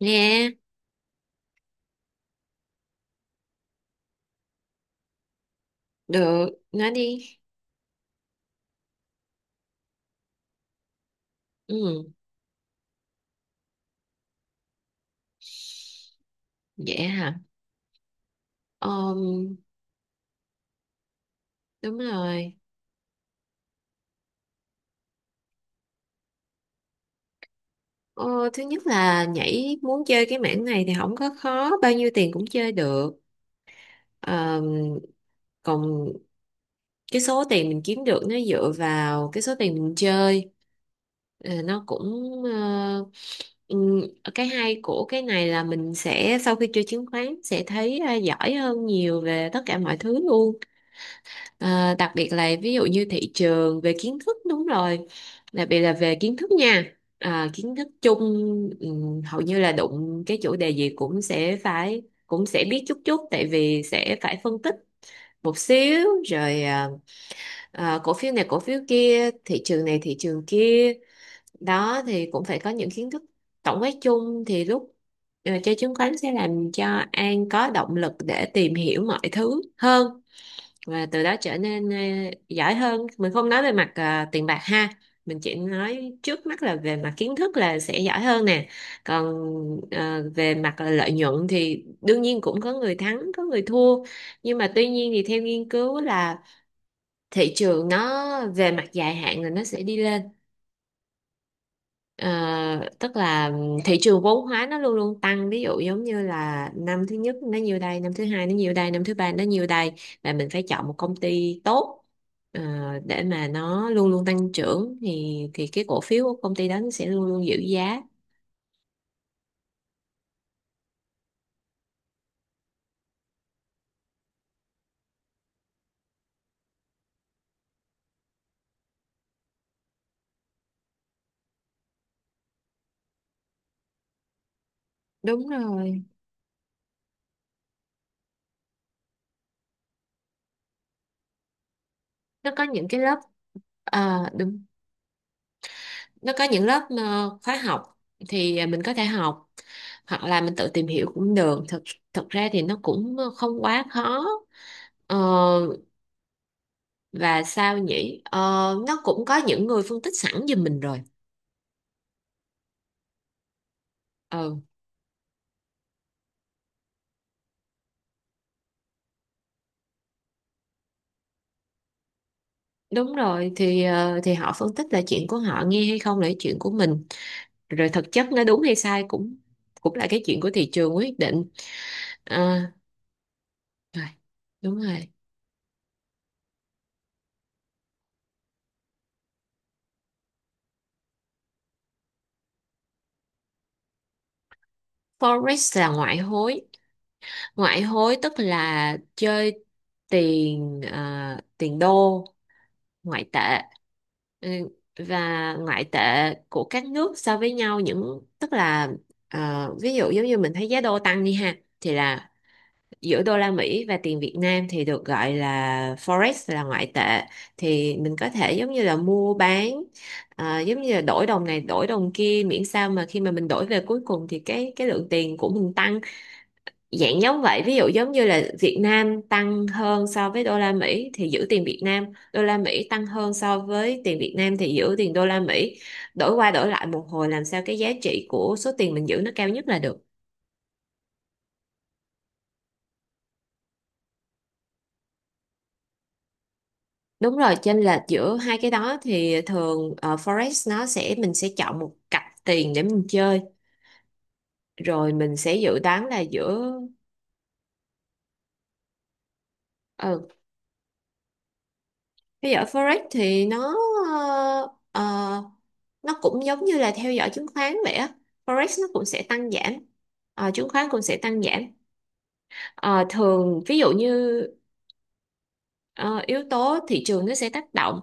Nghe, được, nói đi. Ừ, vậy hả? Ờm, Đúng rồi. Ờ, Thứ nhất là nhảy muốn chơi cái mảng này thì không có khó, bao nhiêu tiền cũng chơi được. Ờm, Còn cái số tiền mình kiếm được nó dựa vào cái số tiền mình chơi. Nó cũng ừm, cái hay của cái này là mình sẽ sau khi chơi chứng khoán sẽ thấy giỏi hơn nhiều về tất cả mọi thứ luôn. Ờ, Đặc biệt là ví dụ như thị trường về kiến thức, đúng rồi, đặc biệt là về kiến thức nha, kiến thức chung. Hầu như là đụng cái chủ đề gì cũng sẽ phải, cũng sẽ biết chút chút, tại vì sẽ phải phân tích một xíu rồi. Cổ phiếu này cổ phiếu kia, thị trường này thị trường kia, đó thì cũng phải có những kiến thức tổng quát chung, thì lúc chơi chứng khoán sẽ làm cho An có động lực để tìm hiểu mọi thứ hơn, và từ đó trở nên giỏi hơn. Mình không nói về mặt tiền bạc ha, mình chỉ nói trước mắt là về mặt kiến thức là sẽ giỏi hơn nè. Còn về mặt lợi nhuận thì đương nhiên cũng có người thắng có người thua. Nhưng mà tuy nhiên thì theo nghiên cứu là thị trường nó về mặt dài hạn là nó sẽ đi lên. Ờ, Tức là thị trường vốn hóa nó luôn luôn tăng, ví dụ giống như là năm thứ nhất nó nhiêu đây, năm thứ hai nó nhiêu đây, năm thứ ba nó nhiêu đây, và mình phải chọn một công ty tốt ờ, để mà nó luôn luôn tăng trưởng, thì cái cổ phiếu của công ty đó nó sẽ luôn luôn giữ giá. Đúng rồi. Nó có những cái lớp, đúng, nó có những lớp khóa học, thì mình có thể học, hoặc là mình tự tìm hiểu cũng được. Thực thực ra thì nó cũng không quá khó. Ờ, và sao nhỉ, nó cũng có những người phân tích sẵn giùm mình rồi. Ừ, đúng rồi, thì thì họ phân tích là chuyện của họ, nghe hay không là chuyện của mình, rồi thực chất nó đúng hay sai cũng cũng là cái chuyện của thị trường quyết định. à, Rồi đúng rồi. Forex là ngoại hối, ngoại hối tức là chơi tiền, tiền đô, ngoại tệ. Ừ, và ngoại tệ của các nước so với nhau, những tức là ví dụ giống như mình thấy giá đô tăng đi ha, thì là giữa đô la Mỹ và tiền Việt Nam thì được gọi là forex, là ngoại tệ. Thì mình có thể giống như là mua bán, giống như là đổi đồng này đổi đồng kia, miễn sao mà khi mà mình đổi về cuối cùng thì cái lượng tiền của mình tăng. Dạng giống vậy, ví dụ giống như là Việt Nam tăng hơn so với đô la Mỹ thì giữ tiền Việt Nam, đô la Mỹ tăng hơn so với tiền Việt Nam thì giữ tiền đô la Mỹ, đổi qua đổi lại một hồi làm sao cái giá trị của số tiền mình giữ nó cao nhất là được. Đúng rồi, chênh lệch giữa hai cái đó thì thường forex nó sẽ, mình sẽ chọn một cặp tiền để mình chơi, rồi mình sẽ dự đoán là giữa. ờ, Theo dõi Forex thì nó ờ, ờ, nó cũng giống như là theo dõi chứng khoán vậy á. Forex nó cũng sẽ tăng giảm, chứng khoán cũng sẽ tăng giảm. Ờ, Thường ví dụ như ờ, yếu tố thị trường nó sẽ tác động.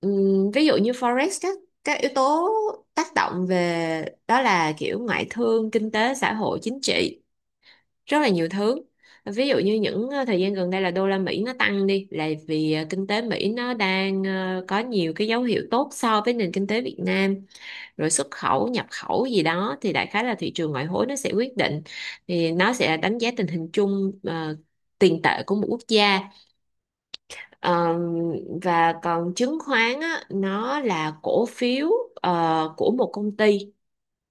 Ví dụ như Forex các yếu tố tác động về đó là kiểu ngoại thương, kinh tế, xã hội, chính trị. Rất là nhiều thứ. Ví dụ như những thời gian gần đây là đô la Mỹ nó tăng đi là vì kinh tế Mỹ nó đang có nhiều cái dấu hiệu tốt so với nền kinh tế Việt Nam, rồi xuất khẩu nhập khẩu gì đó, thì đại khái là thị trường ngoại hối nó sẽ quyết định, thì nó sẽ đánh giá tình hình chung tiền tệ của một quốc gia. Ờ, và còn chứng khoán á, nó là cổ phiếu của một công ty,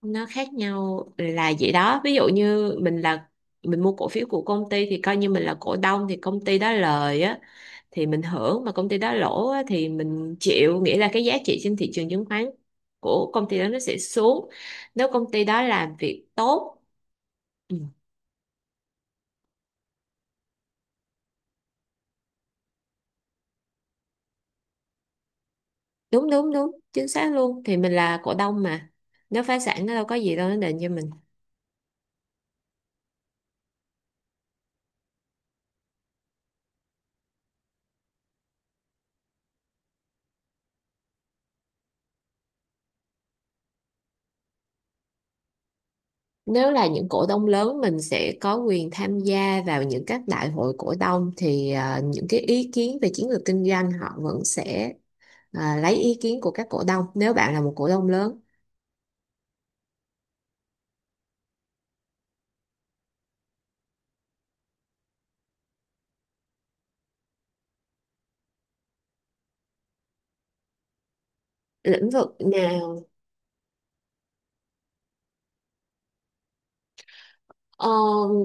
nó khác nhau là vậy đó. Ví dụ như mình là mình mua cổ phiếu của công ty thì coi như mình là cổ đông, thì công ty đó lời á thì mình hưởng, mà công ty đó lỗ á thì mình chịu, nghĩa là cái giá trị trên thị trường chứng khoán của công ty đó nó sẽ xuống nếu công ty đó làm việc tốt. Ừ, đúng đúng đúng, chính xác luôn, thì mình là cổ đông mà, nếu phá sản nó đâu có gì đâu nó đền cho mình. Nếu là những cổ đông lớn mình sẽ có quyền tham gia vào những các đại hội cổ đông, thì những cái ý kiến về chiến lược kinh doanh họ vẫn sẽ lấy ý kiến của các cổ đông nếu bạn là một cổ đông lớn. Lĩnh vực nào. Ờ,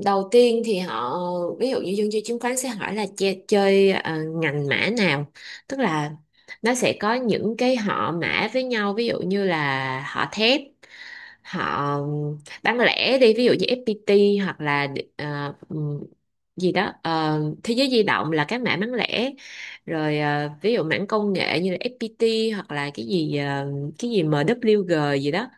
Đầu tiên thì họ, ví dụ như dân chơi chứng khoán sẽ hỏi là chơi, ngành mã nào, tức là nó sẽ có những cái họ mã với nhau, ví dụ như là họ thép, họ bán lẻ đi, ví dụ như FPT hoặc là ờ, ừm, gì đó, thế giới di động là cái mã bán lẻ, rồi ví dụ mảng công nghệ như là FPT, hoặc là cái gì MWG gì đó.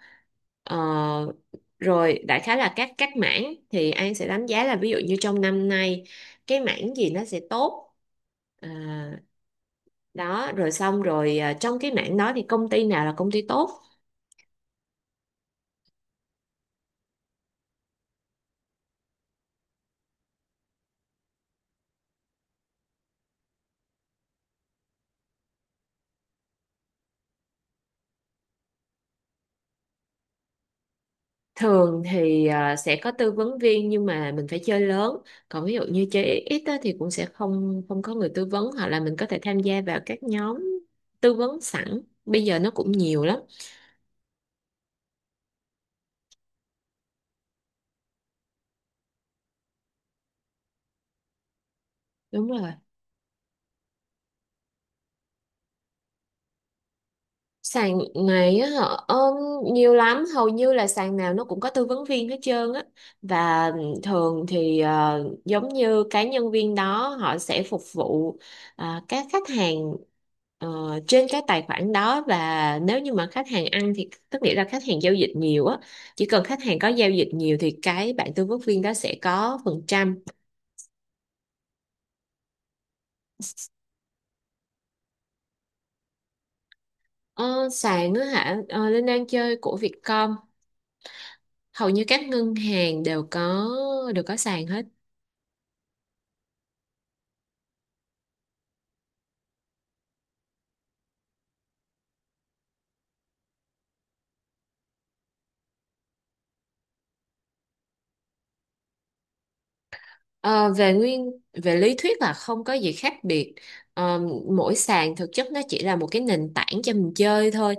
Ờ, Rồi đại khái là các mảng thì An sẽ đánh giá là ví dụ như trong năm nay cái mảng gì nó sẽ tốt. À, Đó rồi xong rồi, trong cái mảng đó thì công ty nào là công ty tốt. Thường thì sẽ có tư vấn viên nhưng mà mình phải chơi lớn. Còn ví dụ như chơi ít ít á thì cũng sẽ không không có người tư vấn, hoặc là mình có thể tham gia vào các nhóm tư vấn sẵn. Bây giờ nó cũng nhiều lắm. Đúng rồi. Sàn này á họ ôm nhiều lắm, hầu như là sàn nào nó cũng có tư vấn viên hết trơn á. Và thường thì giống như cái nhân viên đó họ sẽ phục vụ các khách hàng ờ, trên cái tài khoản đó, và nếu như mà khách hàng ăn thì tức nghĩa là khách hàng giao dịch nhiều á, chỉ cần khách hàng có giao dịch nhiều thì cái bạn tư vấn viên đó sẽ có phần trăm. Ờ, Sàn á hả? Ờ, Linh đang chơi của Vietcom, hầu như các ngân hàng đều có, đều có sàn hết. Ờ, về nguyên Về lý thuyết là không có gì khác biệt. Ờ, Mỗi sàn thực chất nó chỉ là một cái nền tảng cho mình chơi thôi.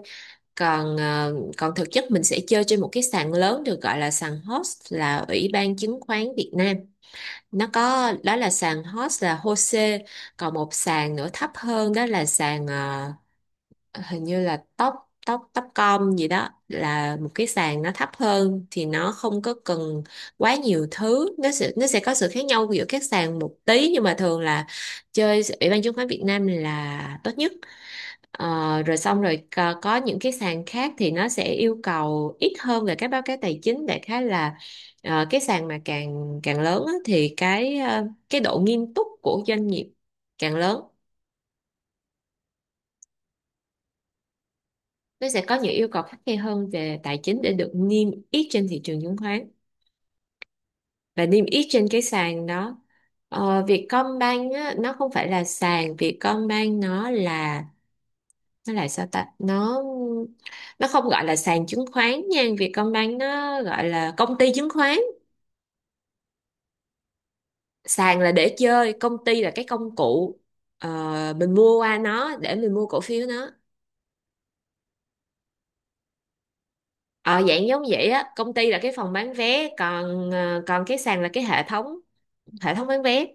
Còn thực chất mình sẽ chơi trên một cái sàn lớn được gọi là sàn host, là Ủy ban Chứng khoán Việt Nam. Nó có, đó là sàn host là HOSE. Còn một sàn nữa thấp hơn đó là sàn hình như là tóc, tóc tóc com gì đó, là một cái sàn nó thấp hơn thì nó không có cần quá nhiều thứ. Nó sẽ có sự khác nhau giữa các sàn một tí, nhưng mà thường là chơi Ủy ban chứng khoán Việt Nam là tốt nhất. Rồi xong rồi, có những cái sàn khác thì nó sẽ yêu cầu ít hơn về các báo cáo tài chính, đại khái là cái sàn mà càng càng lớn á, thì cái độ nghiêm túc của doanh nghiệp càng lớn, nó sẽ có những yêu cầu khắt khe hơn về tài chính để được niêm yết trên thị trường chứng khoán và niêm yết trên cái sàn đó. Vietcombank á, nó không phải là sàn Vietcombank, nó là sao ta, nó không gọi là sàn chứng khoán nha, Vietcombank nó gọi là công ty chứng khoán. Sàn là để chơi, công ty là cái công cụ, ờ, mình mua qua nó để mình mua cổ phiếu nó. Ờ, Dạng giống vậy á, công ty là cái phòng bán vé, còn còn cái sàn là cái hệ thống, hệ thống bán vé.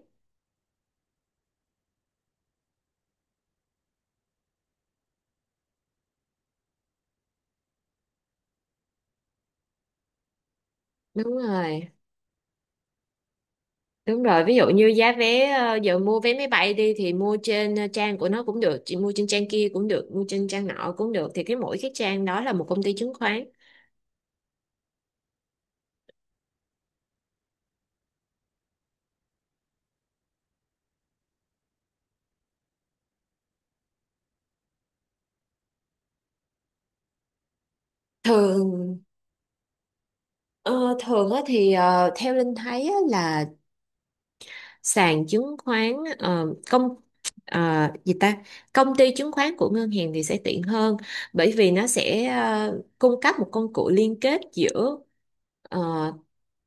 Đúng rồi, đúng rồi. Ví dụ như giá vé, giờ mua vé máy bay đi thì mua trên trang của nó cũng được, chị mua trên trang kia cũng được, mua trên trang nọ cũng được. Thì cái mỗi cái trang đó là một công ty chứng khoán. Thường ờ, Thường á thì theo Linh thấy á là sàn chứng khoán, ờ, công ờ, gì ta công ty chứng khoán của ngân hàng thì sẽ tiện hơn, bởi vì nó sẽ cung cấp một công cụ liên kết giữa,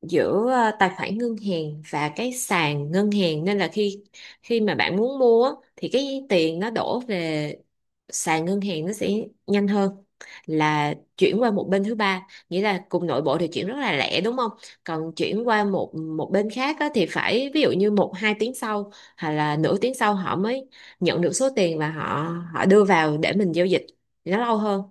tài khoản ngân hàng và cái sàn ngân hàng, nên là khi, mà bạn muốn mua á, thì cái tiền nó đổ về sàn ngân hàng nó sẽ nhanh hơn là chuyển qua một bên thứ ba, nghĩa là cùng nội bộ thì chuyển rất là lẹ đúng không. Còn chuyển qua một một bên khác á, thì phải ví dụ như một hai tiếng sau hoặc là nửa tiếng sau họ mới nhận được số tiền và họ họ đưa vào để mình giao dịch thì nó lâu hơn.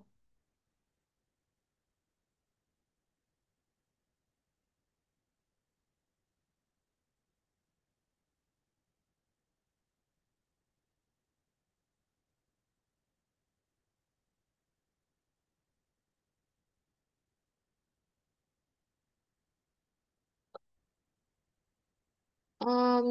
Ờm,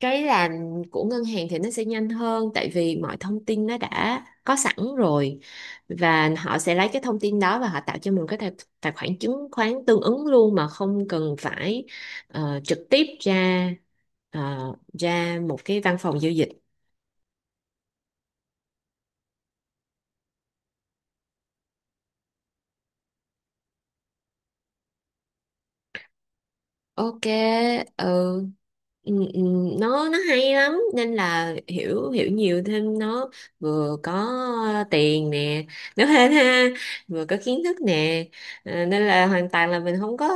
cái làm của ngân hàng thì nó sẽ nhanh hơn, tại vì mọi thông tin nó đã có sẵn rồi, và họ sẽ lấy cái thông tin đó và họ tạo cho mình cái tài khoản chứng khoán tương ứng luôn, mà không cần phải trực tiếp ờ, ra một cái văn phòng giao dịch. Ok, ừ. Ừ, ừ, nó hay lắm nên là hiểu hiểu nhiều thêm, nó vừa có tiền nè, nó hên ha, vừa có kiến thức nè. Nên là hoàn toàn là mình không có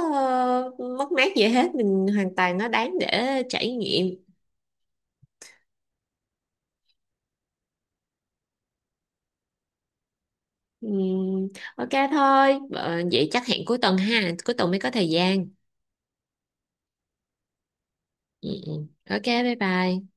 mất mát gì hết, mình hoàn toàn nó đáng để trải nghiệm. Ừ, ok thôi, vậy chắc hẹn cuối tuần ha, cuối tuần mới có thời gian. Ừ, ừ. Ok, bye bye.